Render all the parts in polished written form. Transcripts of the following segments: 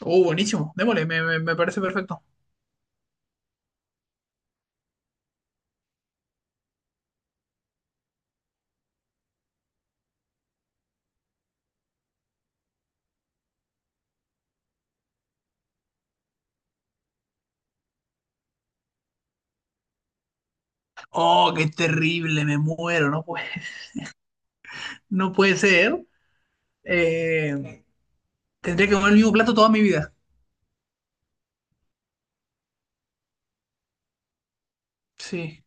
Oh, buenísimo. Démosle, me parece perfecto. Oh, qué terrible, me muero. No puede, no puede ser. Eh, tendría que comer el mismo plato toda mi vida. Sí.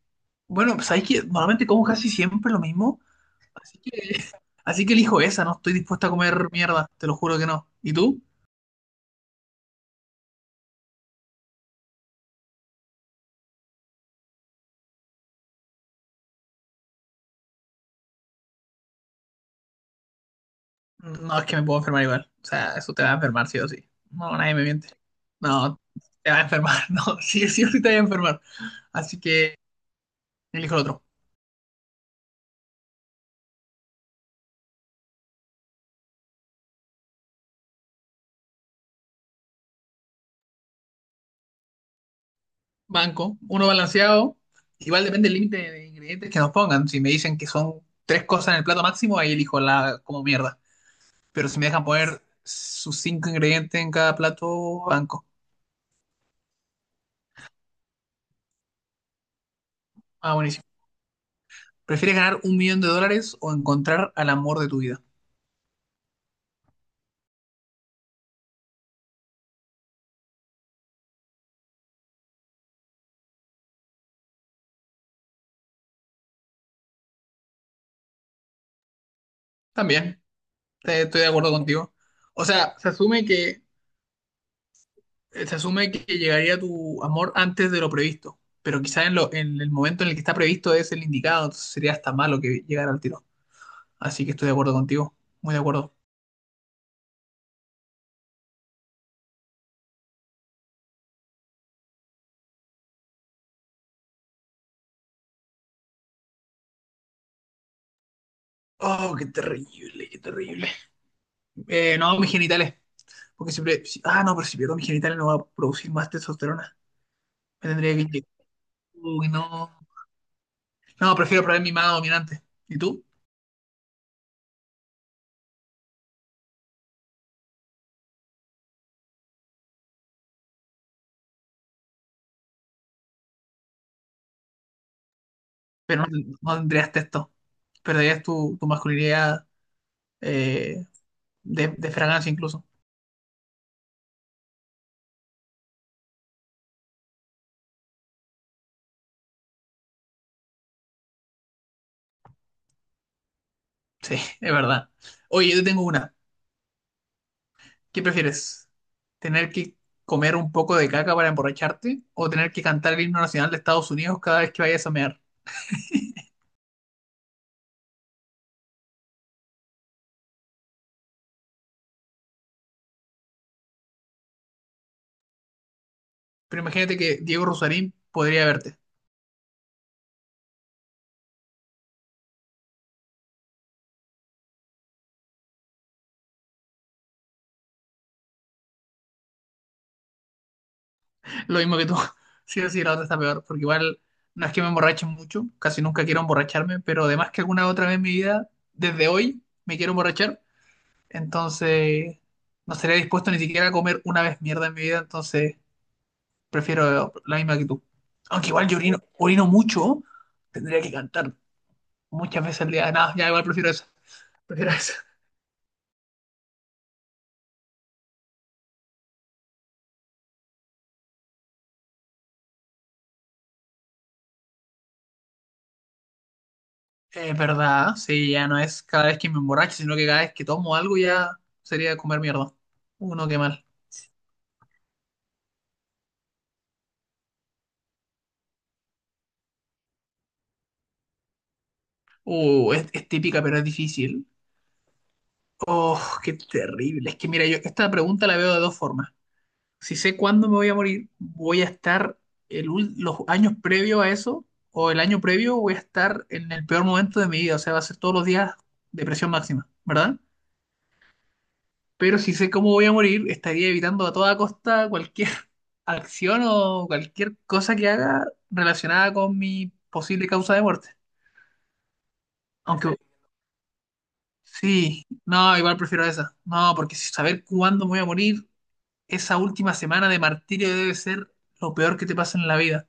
Bueno, pues hay que normalmente como casi siempre lo mismo. Así que, así que elijo esa, no estoy dispuesta a comer mierda, te lo juro que no. ¿Y tú? No, es que me puedo enfermar igual. O sea, eso te va a enfermar sí o sí. No, nadie me miente. No, te va a enfermar. No, sí, sí o sí te va a enfermar. Así que elijo el otro. Banco, uno balanceado. Igual depende del límite de ingredientes que nos pongan. Si me dicen que son tres cosas en el plato máximo, ahí elijo la como mierda. Pero si me dejan poner sus cinco ingredientes en cada plato, banco. Ah, buenísimo. ¿Prefieres ganar un millón de dólares o encontrar al amor de tu vida? También, estoy de acuerdo contigo. O sea, se asume que llegaría tu amor antes de lo previsto. Pero quizás en, en el momento en el que está previsto es el indicado, entonces sería hasta malo que llegara al tiro. Así que estoy de acuerdo contigo, muy de acuerdo. Oh, qué terrible, qué terrible. No, mis genitales, porque siempre... Ah, no, pero si pierdo mis genitales no va a producir más testosterona. Me tendría que inyectar. Uy, no. No, prefiero probar mi mano dominante. ¿Y tú? Pero no, no tendrías testo. Perderías tu masculinidad eh, de fragancia incluso. Sí, es verdad. Oye, yo te tengo una. ¿Qué prefieres? ¿Tener que comer un poco de caca para emborracharte o tener que cantar el himno nacional de Estados Unidos cada vez que vayas a mear? Pero imagínate que Diego Rosarín podría verte. Lo mismo que tú. Sí o sí, la otra está peor. Porque igual no es que me emborrache mucho. Casi nunca quiero emborracharme. Pero además que alguna otra vez en mi vida, desde hoy, me quiero emborrachar. Entonces, no estaría dispuesto ni siquiera a comer una vez mierda en mi vida. Entonces, prefiero la misma que tú. Aunque igual yo orino, orino mucho. Tendría que cantar muchas veces al día. Nada, ya igual prefiero eso. Prefiero eso. Es verdad, sí, ya no es cada vez que me emborracho, sino que cada vez que tomo algo ya sería comer mierda. Uno, qué mal. Es típica, pero es difícil. Oh, qué terrible. Es que mira, yo esta pregunta la veo de dos formas. Si sé cuándo me voy a morir, voy a estar los años previos a eso, o el año previo voy a estar en el peor momento de mi vida. O sea, va a ser todos los días depresión máxima, ¿verdad? Pero si sé cómo voy a morir, estaría evitando a toda costa cualquier acción o cualquier cosa que haga relacionada con mi posible causa de muerte. Aunque sí, no, igual prefiero esa. No, porque si saber cuándo me voy a morir, esa última semana de martirio debe ser lo peor que te pasa en la vida.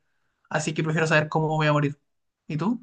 Así que prefiero saber cómo voy a morir. ¿Y tú?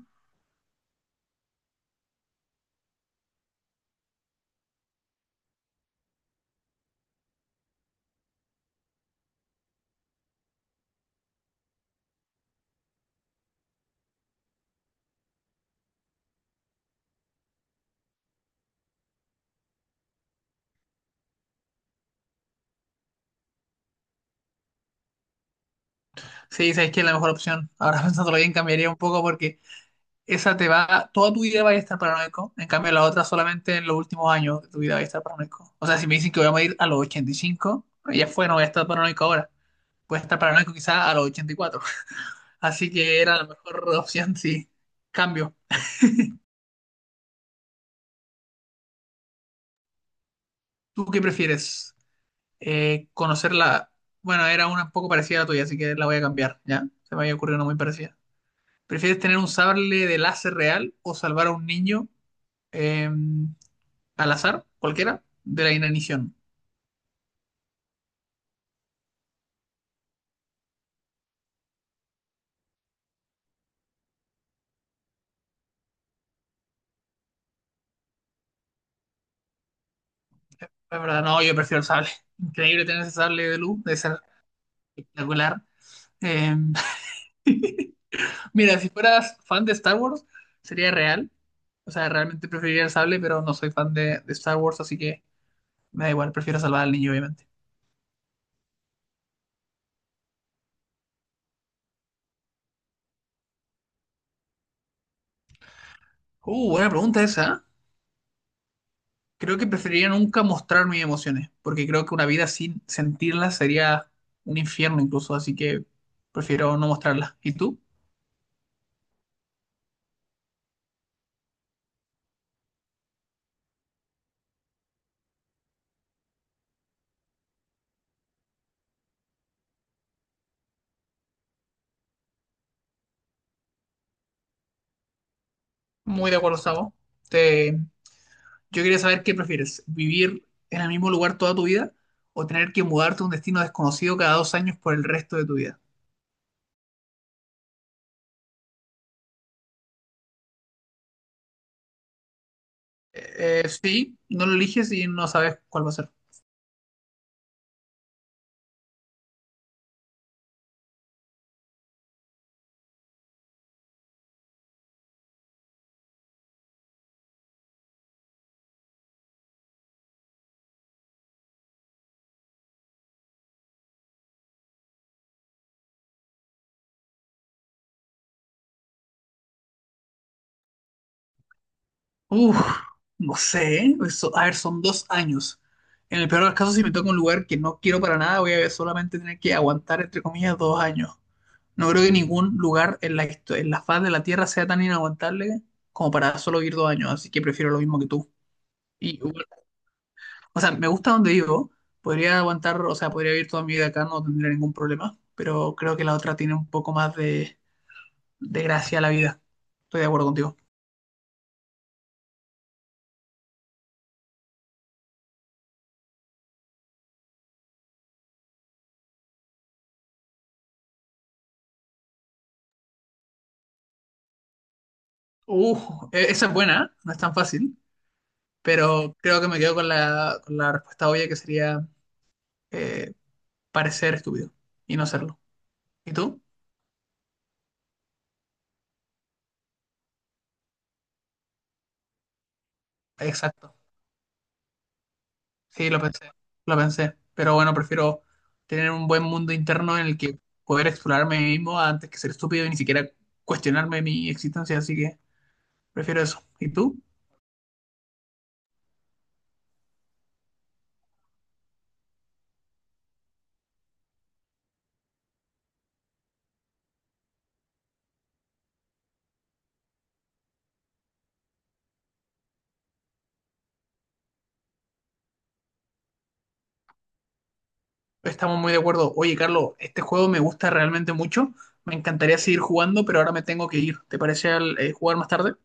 Sí, sabes que es la mejor opción. Ahora pensándolo bien, cambiaría un poco porque esa te va, toda tu vida vas a estar paranoico, en cambio la otra solamente en los últimos años de tu vida vas a estar paranoico. O sea, si me dicen que voy a morir a los 85 ya fue, no voy a estar paranoico ahora. Voy a estar paranoico quizás a los 84. Así que era la mejor opción, sí. Cambio. ¿Tú qué prefieres? Conocer la... Bueno, era una un poco parecida a la tuya, así que la voy a cambiar, ¿ya? Se me había ocurrido una muy parecida. ¿Prefieres tener un sable de láser real o salvar a un niño eh, al azar, cualquiera, de la inanición? La verdad, no, yo prefiero el sable. Increíble tener ese sable de luz, debe ser espectacular. Eh, mira, si fueras fan de Star Wars, sería real. O sea, realmente preferiría el sable, pero no soy fan de, Star Wars, así que me da igual, prefiero salvar al niño, obviamente. Buena pregunta esa. Creo que preferiría nunca mostrar mis emociones, porque creo que una vida sin sentirlas sería un infierno incluso, así que prefiero no mostrarlas. ¿Y tú? Muy de acuerdo, Sabo. Te, Yo quería saber qué prefieres, vivir en el mismo lugar toda tu vida o tener que mudarte a un destino desconocido cada 2 años por el resto de tu vida. Sí, no lo eliges y no sabes cuál va a ser. Uf, no sé, ¿eh? A ver, son 2 años. En el peor de los casos, si me toca un lugar que no quiero para nada, voy a solamente tener que aguantar, entre comillas, 2 años. No creo que ningún lugar en la, en la faz de la Tierra sea tan inaguantable como para solo vivir 2 años, así que prefiero lo mismo que tú. Y, o sea, me gusta donde vivo. Podría aguantar, o sea, podría vivir toda mi vida acá, no tendría ningún problema. Pero creo que la otra tiene un poco más de, gracia a la vida. Estoy de acuerdo contigo. Esa es buena, ¿eh? No es tan fácil. Pero creo que me quedo con la respuesta obvia que sería eh, parecer estúpido y no serlo. ¿Y tú? Exacto. Sí, lo pensé. Lo pensé. Pero bueno, prefiero tener un buen mundo interno en el que poder explorarme a mí mismo antes que ser estúpido y ni siquiera cuestionarme mi existencia. Así que. Prefiero eso. ¿Y tú? Estamos muy de acuerdo. Oye, Carlos, este juego me gusta realmente mucho. Me encantaría seguir jugando, pero ahora me tengo que ir. ¿Te parece jugar más tarde?